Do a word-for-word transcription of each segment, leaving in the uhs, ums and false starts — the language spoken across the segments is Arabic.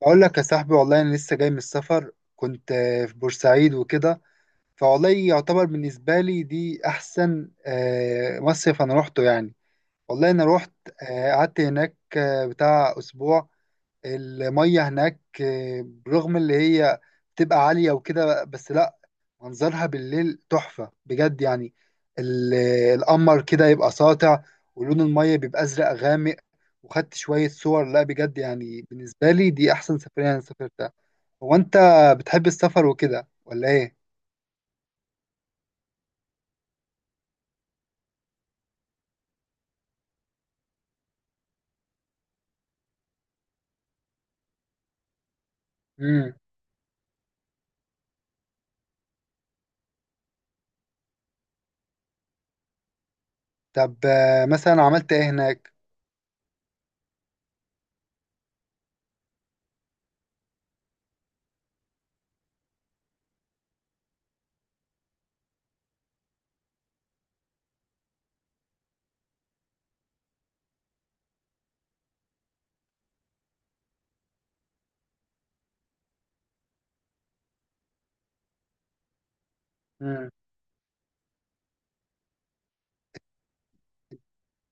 بقول لك يا صاحبي، والله انا لسه جاي من السفر، كنت آه، في بورسعيد وكده. فوالله يعتبر بالنسبه لي دي احسن آه، مصيف انا روحته يعني. والله انا روحت، آه، قعدت هناك آه، بتاع اسبوع. المية هناك آه، برغم اللي هي بتبقى عالية وكده، بس لا، منظرها بالليل تحفة بجد يعني. ال- القمر كده يبقى ساطع، ولون المية بيبقى أزرق غامق، وخدت شوية صور. لا بجد يعني، بالنسبة لي دي أحسن سفرية أنا سافرتها. هو أنت بتحب السفر وكده ولا إيه؟ مم. طب آه، مثلا عملت إيه هناك؟ مم.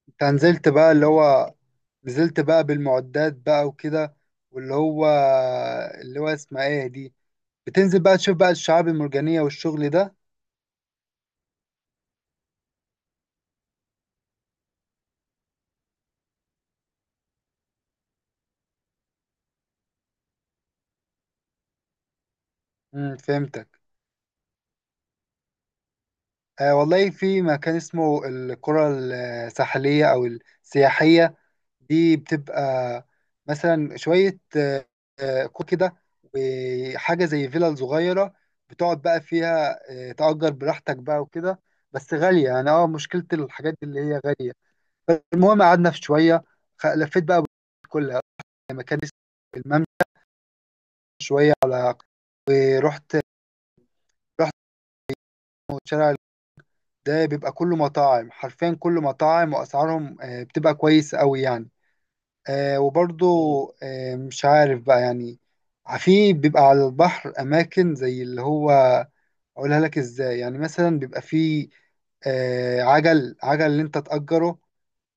أنت نزلت بقى اللي هو، نزلت بقى بالمعدات بقى وكده، واللي هو اللي هو اسمها ايه دي؟ بتنزل بقى تشوف بقى الشعاب المرجانية والشغل ده. امم فهمتك. آه والله في مكان اسمه القرى الساحلية، أو السياحية، دي بتبقى مثلا شوية آه آه، قرى كده، وحاجة زي فيلا صغيرة بتقعد بقى فيها، آه تأجر براحتك بقى وكده. بس غالية يعني، اه مشكلة الحاجات دي اللي هي غالية. المهم قعدنا في شوية. خ- لفيت بقى كلها، يعني، مكان اسمه الممشى، شوية على إيه، رحت رحت شارع، ده بيبقى كله مطاعم، حرفيا كله مطاعم، وأسعارهم آه، بتبقى كويس قوي يعني. آه، وبرضو آه، مش عارف بقى يعني، في بيبقى على البحر أماكن زي اللي هو، أقولها لك إزاي، يعني مثلا بيبقى فيه آه، عجل عجل اللي أنت تأجره،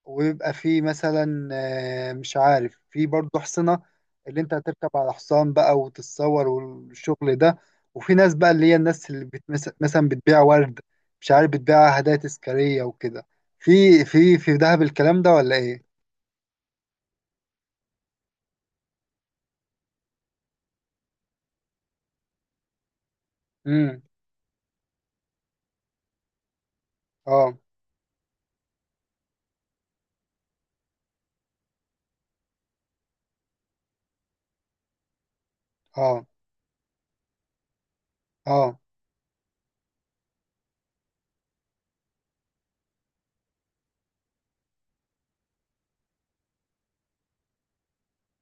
ويبقى في مثلا آه، مش عارف، في برضه حصنة، اللي انت هتركب على حصان بقى وتتصور والشغل ده. وفي ناس بقى اللي هي الناس اللي بت مس- مثلا بتبيع ورد، مش عارف، بتبيع هدايا تذكارية وكده. في في في دهب الكلام ده ولا ايه؟ امم. اه. اه. اه.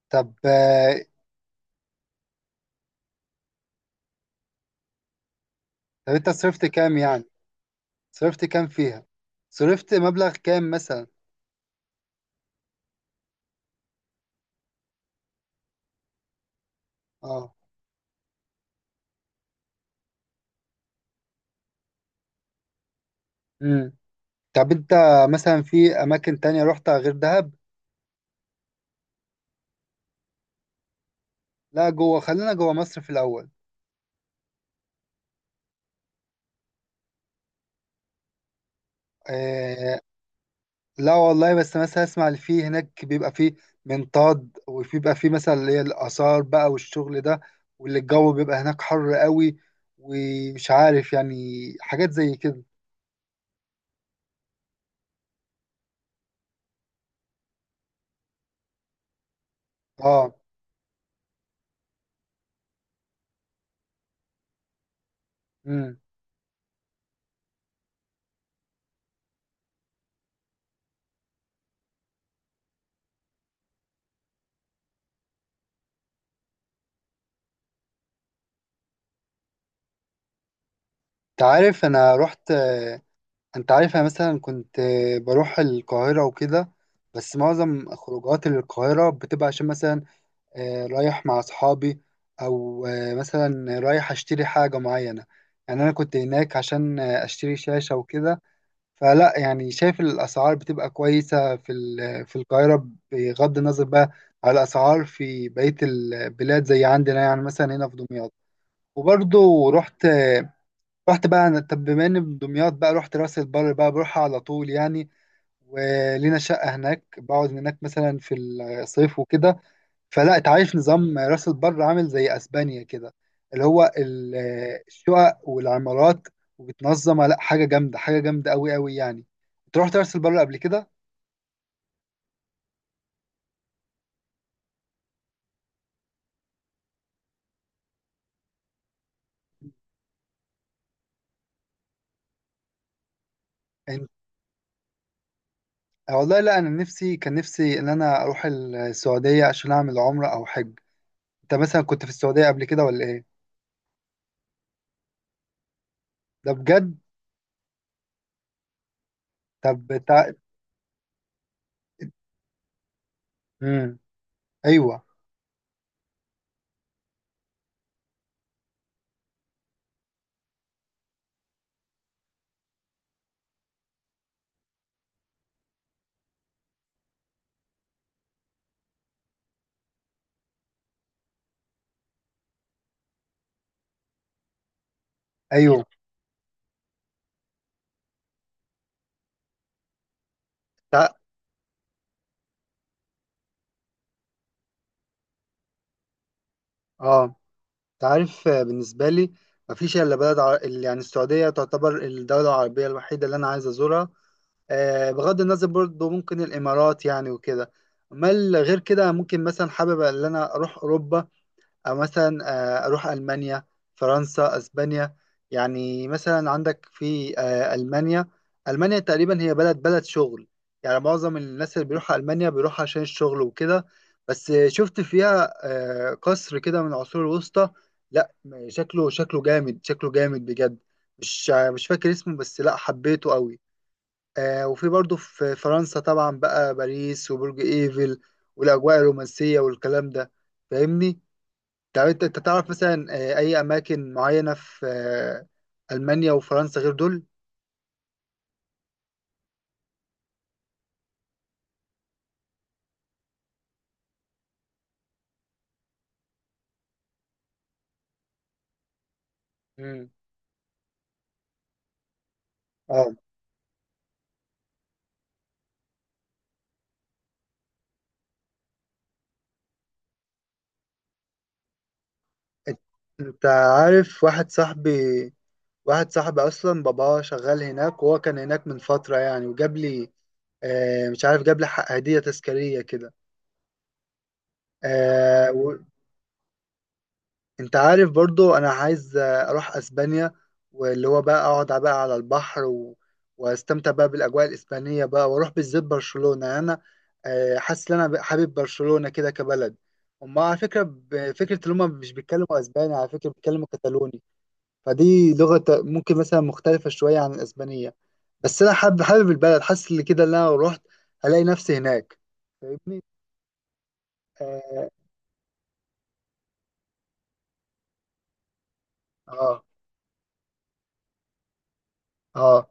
طب آه، طب انت صرفت كام يعني؟ صرفت كام فيها؟ صرفت مبلغ كام مثلا؟ اه. امم. طب انت مثلا، في اماكن تانية رحتها غير دهب؟ لا، جوه، خلينا جوه مصر في الأول. آه لا والله، بس مثلا اسمع، اللي فيه هناك بيبقى فيه منطاد، وبيبقى فيه مثلا اللي هي الآثار بقى والشغل ده، واللي الجو بيبقى هناك حر قوي، ومش عارف يعني، حاجات زي كده. اه. امم. انت عارف انا رحت آه، انت عارف، انا مثلا كنت آه، بروح القاهرة وكده. بس معظم خروجات القاهرة بتبقى عشان مثلا آه، رايح مع أصحابي، أو آه، مثلا رايح أشتري حاجة معينة. يعني أنا كنت هناك عشان آه، أشتري شاشة وكده. فلا يعني، شايف الأسعار بتبقى كويسة في ال- في القاهرة، بغض النظر بقى على الأسعار في بقية البلاد زي عندنا، يعني مثلا هنا في دمياط. وبرضه رحت آه، رحت بقى أنا، طب بما إني من دمياط بقى، رحت راس البر بقى، بروح على طول يعني. ولينا شقة هناك، بقعد هناك مثلا في الصيف وكده. فلا، انت عارف، نظام راس البر عامل زي اسبانيا كده، اللي هو ال- الشقق والعمارات، وبتنظمها، لا حاجه جامده حاجه جامده قوي قوي يعني. انت رحت راس البر قبل كده؟ انت والله لا، انا نفسي كان نفسي ان انا اروح السعوديه عشان اعمل عمره او حج. انت مثلا كنت في السعوديه قبل كده ولا ايه؟ ده بجد؟ طب تع... امم. ايوه. ايوه. تع... اه. تعرف آه، بالنسبة لي مفيش إلا بلد عر... ال- يعني السعودية تعتبر الدولة العربية الوحيدة اللي أنا عايز أزورها. آه، بغض النظر برضه ممكن الإمارات يعني وكده. أمال غير كده، ممكن مثلا حابب إن أنا أروح أوروبا، أو مثلا آه، أروح ألمانيا، فرنسا، أسبانيا. يعني مثلا عندك في آه، ألمانيا. ألمانيا تقريبا هي بلد بلد شغل، يعني معظم الناس اللي بيروحوا ألمانيا بيروحوا عشان الشغل وكده. بس آه، شفت فيها آه، قصر كده من العصور الوسطى. لا، م- شكله شكله جامد، شكله جامد بجد. مش آه، مش فاكر اسمه، بس لا حبيته قوي. آه، وفي برضه في فرنسا طبعا بقى باريس وبرج إيفل، والأجواء الرومانسية والكلام ده، فاهمني. طب انت انت تعرف مثلا آه، اي اماكن معينه في آه، المانيا وفرنسا غير دول؟ مم. اه. انت انت عارف، واحد صاحبي واحد صاحبي اصلا باباه شغال هناك، وهو كان هناك من فتره يعني، وجاب لي آه، مش عارف، جاب لي ح- هديه تذكاريه كده. انت عارف، برضو انا عايز آه، اروح اسبانيا، واللي هو بقى اقعد بقى على البحر و... واستمتع بقى بالاجواء الاسبانيه بقى، واروح بالذات برشلونه. يعني انا آه، حاسس ان انا ب- حابب برشلونه كده كبلد. هم على فكره، ب- فكره ان هم مش بيتكلموا اسباني على فكره، بيتكلموا كتالوني، فدي لغه ت- ممكن مثلا مختلفه شويه عن الاسبانيه. بس انا حابب حابب البلد، حاسس ان كده ان انا لو رحت هلاقي نفسي هناك، فاهمني. اه. اه. آه.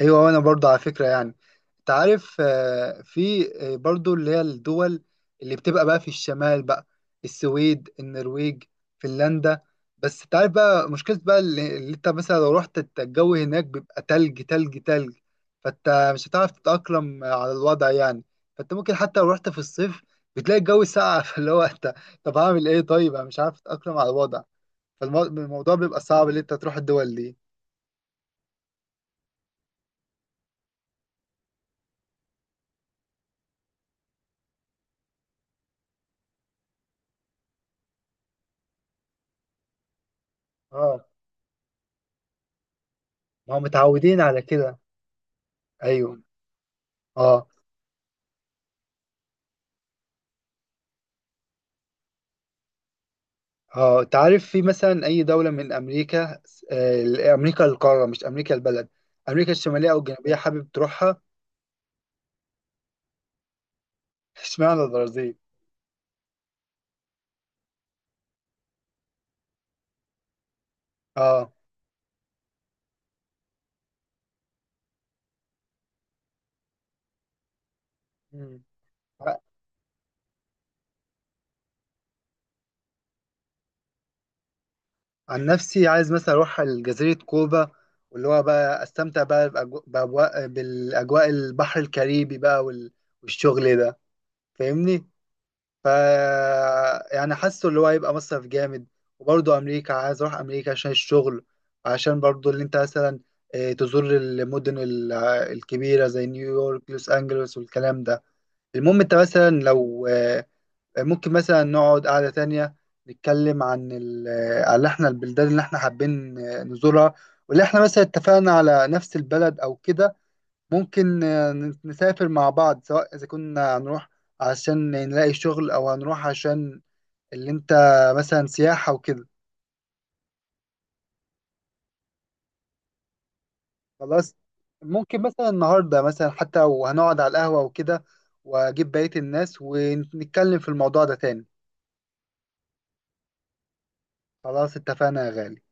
ايوه، وانا برضو على فكره يعني. انت عارف آه، في آه، برضو اللي هي الدول اللي بتبقى بقى في الشمال بقى، السويد، النرويج، فنلندا. بس انت عارف بقى، مشكله بقى، اللي, اللي انت مثلا لو رحت، الت- الجو هناك بيبقى تلج تلج تلج، فانت مش هتعرف تتاقلم على الوضع يعني. فانت ممكن حتى لو رحت في الصيف، بتلاقي الجو ساقع. فاللي هو انت، طب هعمل ايه، طيب انا مش عارف اتاقلم على الوضع، فالموضوع بيبقى صعب اللي انت تروح الدول دي. اه، ما هم متعودين على كده. ايوه. اه. اه. انت عارف، في مثلا اي دوله من امريكا، آه، امريكا القاره مش امريكا البلد، امريكا الشماليه او الجنوبيه، حابب تروحها؟ اشمعنى البرازيل؟ اه. مم. عن نفسي عايز مثلا اروح على جزيره كوبا، واللي هو بقى استمتع بقى بأجو- بأجواء بالاجواء البحر الكاريبي بقى وال- والشغل ده، فاهمني. ف يعني حاسه اللي هو هيبقى مصرف جامد. وبرضه امريكا، عايز اروح امريكا عشان الشغل، عشان برضه اللي انت مثلا آه، تزور المدن ال- آه، الكبيره زي نيويورك، لوس انجلوس، والكلام ده. المهم انت مثلا لو آه، ممكن مثلا نقعد قعده تانية، نتكلم عن ال- آه، على احنا البلدان اللي احنا حابين آه، نزورها، واللي احنا مثلا اتفقنا على نفس البلد او كده، ممكن آه، ن- نسافر مع بعض، سواء إذا كنا هنروح عشان نلاقي شغل، أو هنروح عشان اللي أنت مثلا سياحة وكده. خلاص، ممكن مثلا النهاردة مثلا حتى، وهنقعد على القهوة وكده، وأجيب بقية الناس ونتكلم في الموضوع ده تاني. خلاص اتفقنا يا غالي.